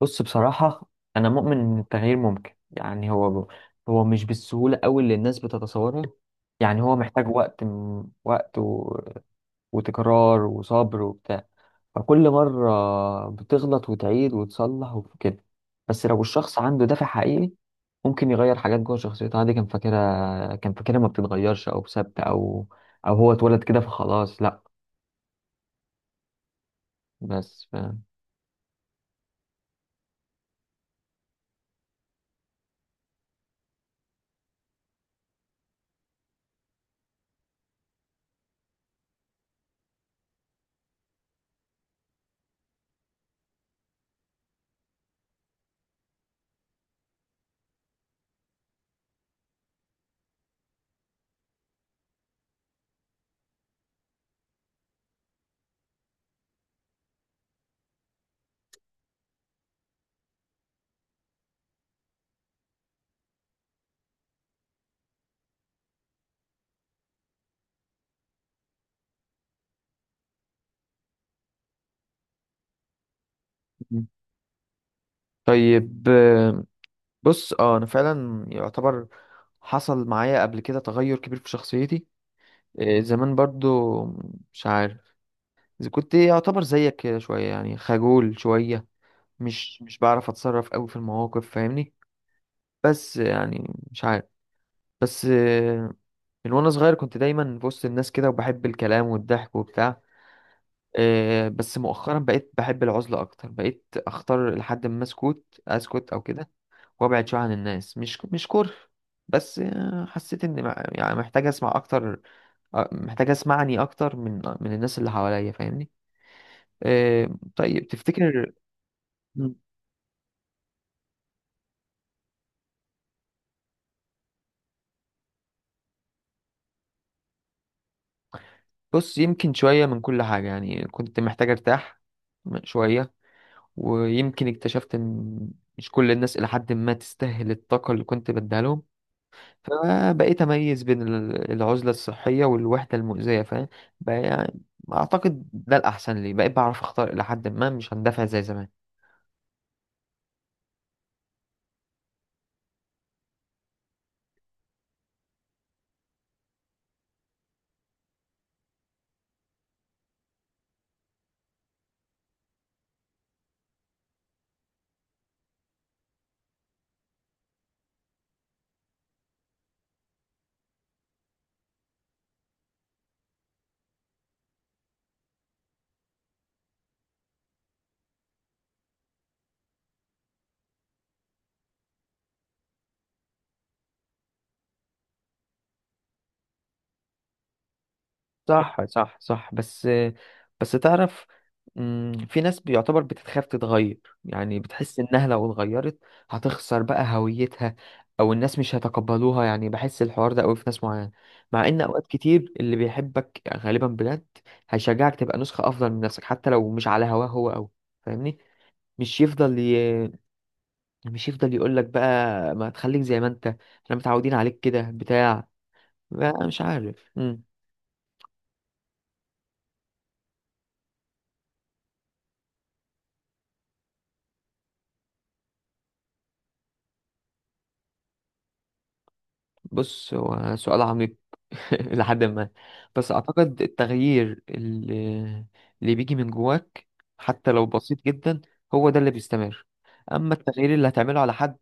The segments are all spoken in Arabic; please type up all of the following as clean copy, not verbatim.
بص، بصراحة أنا مؤمن إن التغيير ممكن. يعني هو مش بالسهولة أوي اللي الناس بتتصورها. يعني هو محتاج وقت وتكرار وصبر وبتاع. فكل مرة بتغلط وتعيد وتصلح وكده. بس لو الشخص عنده دافع حقيقي ممكن يغير حاجات جوه شخصيته عادي. كان فاكرها ما بتتغيرش، أو ثابتة، أو هو اتولد كده فخلاص، لأ. بس ف... مم. طيب. بص، انا فعلا يعتبر حصل معايا قبل كده تغير كبير في شخصيتي. زمان برضو، مش عارف إذا كنت يعتبر زيك كده شوية، يعني خجول شوية، مش بعرف اتصرف قوي في المواقف. فاهمني؟ بس يعني مش عارف. بس آه، من وانا صغير كنت دايما في وسط الناس كده، وبحب الكلام والضحك وبتاع. بس مؤخرا بقيت بحب العزلة اكتر، بقيت اختار لحد ما اسكت اسكت او كده، وابعد شويه عن الناس. مش كره، بس حسيت ان يعني محتاج اسمع اكتر. محتاج اسمعني اكتر من الناس اللي حواليا. فاهمني؟ آه. طيب، تفتكر؟ مم. بص، يمكن شويه من كل حاجه. يعني كنت محتاج ارتاح شويه، ويمكن اكتشفت ان مش كل الناس الى حد ما تستاهل الطاقه اللي كنت بديها لهم. فبقيت اميز بين العزله الصحيه والوحده المؤذيه. فاهم بقى؟ يعني اعتقد ده الاحسن لي. بقيت بعرف اختار الى حد ما، مش هندفع زي زمان. صح صح صح. بس بس تعرف، في ناس بيعتبر بتتخاف تتغير. يعني بتحس انها لو اتغيرت هتخسر بقى هويتها، او الناس مش هيتقبلوها. يعني بحس الحوار ده قوي في ناس معينه، مع ان اوقات كتير اللي بيحبك غالبا بجد هيشجعك تبقى نسخه افضل من نفسك، حتى لو مش على هواه هو قوي. فاهمني؟ مش يفضل ي... مش يفضل يقول لك بقى، ما تخليك زي ما انت، احنا متعودين عليك كده بتاع بقى مش عارف. مم. بص، هو سؤال عميق. لحد ما، بس اعتقد التغيير اللي بيجي من جواك، حتى لو بسيط جدا، هو ده اللي بيستمر. اما التغيير اللي هتعمله على حد،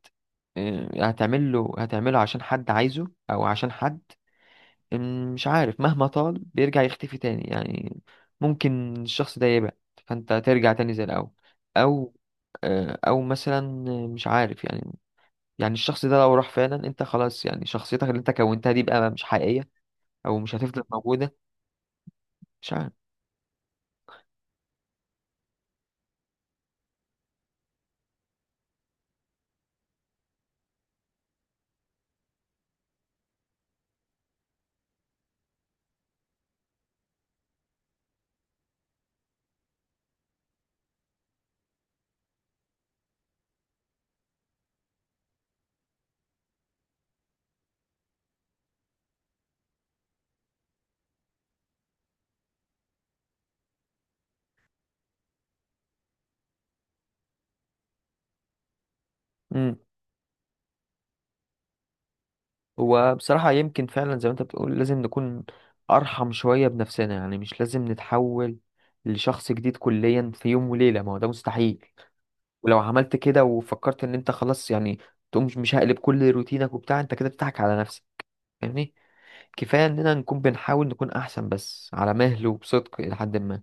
هتعمله عشان حد عايزه او عشان حد، مش عارف، مهما طال بيرجع يختفي تاني. يعني ممكن الشخص ده يبعد فانت ترجع تاني زي الاول، او او مثلا مش عارف. يعني الشخص ده لو راح فعلا، انت خلاص يعني شخصيتك اللي انت كونتها دي بقى مش حقيقية، او مش هتفضل موجودة. مش عارف. امم هو بصراحة يمكن فعلا زي ما انت بتقول، لازم نكون ارحم شوية بنفسنا. يعني مش لازم نتحول لشخص جديد كليا في يوم وليلة، ما هو ده مستحيل. ولو عملت كده وفكرت ان انت خلاص، يعني تقوم مش هقلب كل روتينك وبتاع، انت كده بتضحك على نفسك. فاهمني؟ كفايه اننا نكون بنحاول نكون احسن، بس على مهل وبصدق الى حد ما.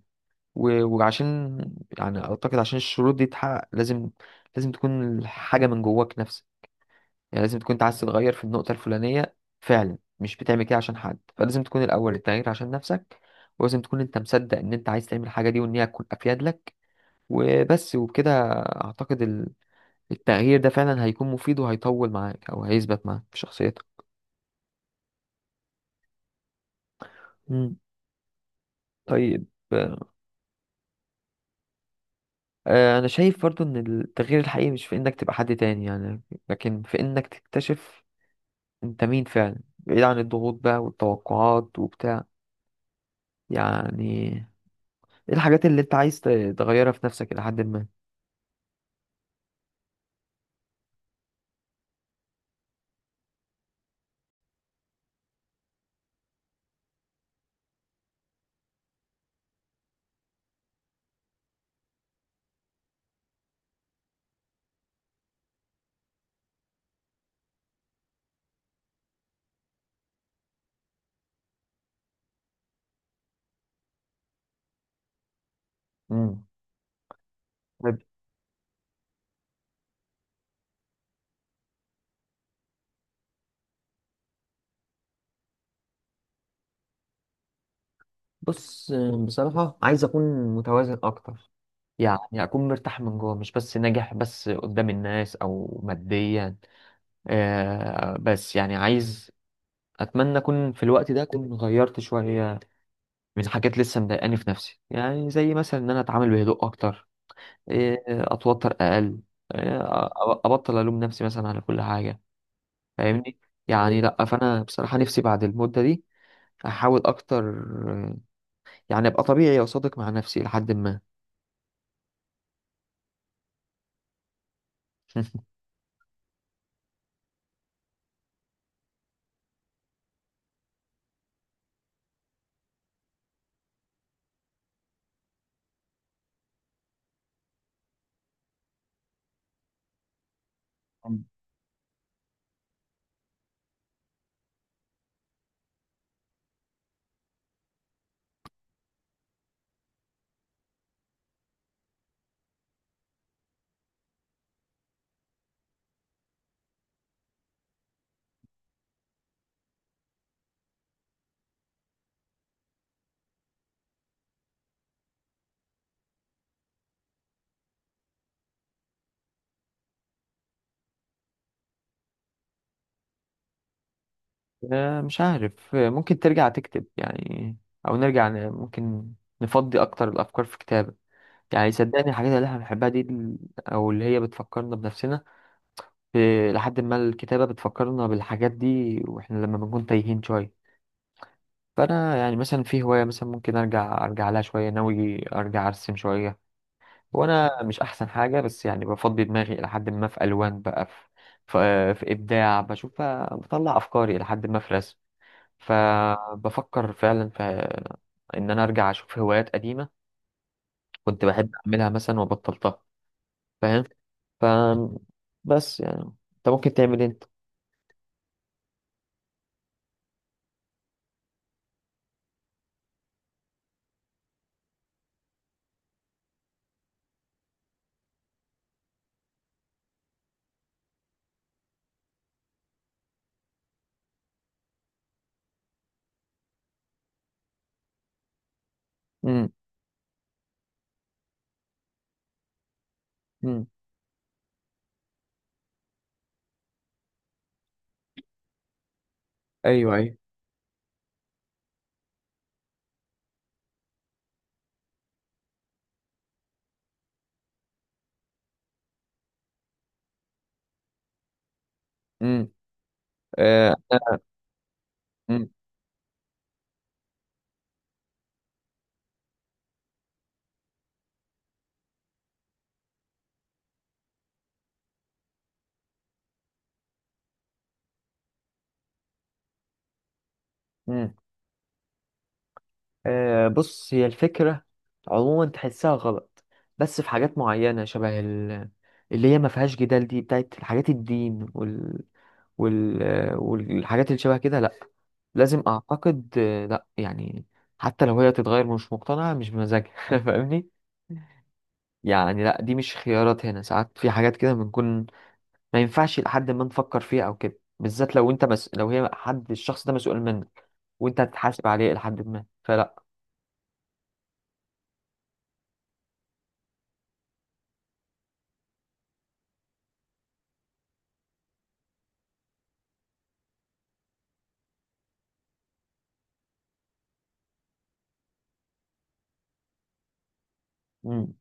و- وعشان يعني اعتقد عشان الشروط دي تتحقق، لازم لازم تكون حاجه من جواك نفسك. يعني لازم تكون انت عايز تتغير في النقطه الفلانيه فعلا، مش بتعمل كده عشان حد. فلازم تكون الاول التغيير عشان نفسك، ولازم تكون انت مصدق ان انت عايز تعمل الحاجه دي، وان هي تكون افيد لك. وبس. وبكده اعتقد التغيير ده فعلا هيكون مفيد وهيطول معاك، او هيثبت معاك في شخصيتك. مم. طيب. انا شايف برضو ان التغيير الحقيقي مش في انك تبقى حد تاني، يعني لكن في انك تكتشف انت مين فعلا، بعيد عن الضغوط بقى والتوقعات وبتاع. يعني ايه الحاجات اللي انت عايز تغيرها في نفسك الى حد ما. مم. طيب. بص، بصراحة عايز أكون متوازن أكتر، يعني اكون مرتاح من جوه، مش بس ناجح بس قدام الناس او ماديا. آه، بس يعني عايز اتمنى اكون في الوقت ده اكون غيرت شويه من حاجات لسه مضايقاني في نفسي. يعني زي مثلا ان انا اتعامل بهدوء اكتر، اتوتر اقل، ابطل الوم نفسي مثلا على كل حاجه. فاهمني؟ يعني لا، فانا بصراحه نفسي بعد المده دي احاول اكتر، آه، يعني ابقى طبيعي وصادق مع نفسي لحد ما. مش عارف. ممكن ترجع تكتب. يعني او ممكن نفضي اكتر الافكار في كتابة. يعني صدقني، الحاجات اللي احنا بنحبها دي، او اللي هي بتفكرنا بنفسنا، لحد ما الكتابة بتفكرنا بالحاجات دي، واحنا لما بنكون تايهين شوية. فانا يعني مثلا في هواية مثلا ممكن ارجع لها شوية. ناوي ارجع ارسم شوية، وانا مش احسن حاجة، بس يعني بفضي دماغي الى حد ما في الوان بقى، في ابداع بشوف، بطلع افكاري الى حد ما في رسم. فبفكر فعلا في ان انا ارجع اشوف هوايات قديمة كنت بحب اعملها مثلا وبطلتها. فاهم؟ ف بس يعني انت ممكن تعمل إيه انت؟ امم امم ايوه ايوه. امم آه. امم امم آه، بص، هي الفكرة عموما تحسها غلط، بس في حاجات معينة شبه اللي هي ما فيهاش جدال، دي بتاعت حاجات الدين والحاجات اللي شبه كده، لا. لازم، اعتقد، لا يعني. حتى لو هي تتغير مش مقتنعة، مش بمزاجها. فاهمني؟ يعني لا، دي مش خيارات هنا. ساعات في حاجات كده بنكون ما ينفعش لحد ما نفكر فيها او كده، بالذات لو انت لو هي، حد الشخص ده مسؤول منك وانت هتتحاسب عليه لحد ما، فلا. مم.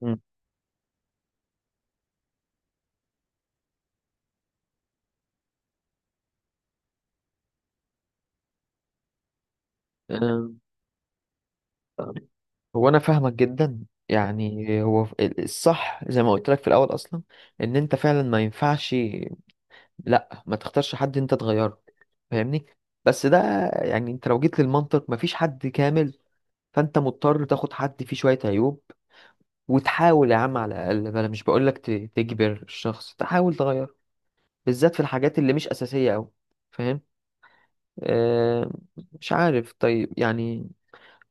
مم. أم، هو انا فاهمك جدا. يعني هو الصح زي ما قلت لك في الاول اصلا، ان انت فعلا ما ينفعش، لا، ما تختارش حد انت تغيره. فاهمني؟ بس ده، يعني انت لو جيت للمنطق مفيش حد كامل، فانت مضطر تاخد حد فيه شوية عيوب، وتحاول يا عم على الاقل. بلا، مش بقول لك تجبر الشخص، تحاول تغيره، بالذات في الحاجات اللي مش أساسية أوي. فاهم؟ آه. مش عارف، طيب يعني،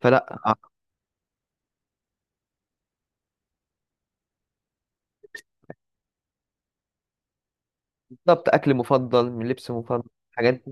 فلا. بالظبط، أكل مفضل، من لبس مفضل، حاجات.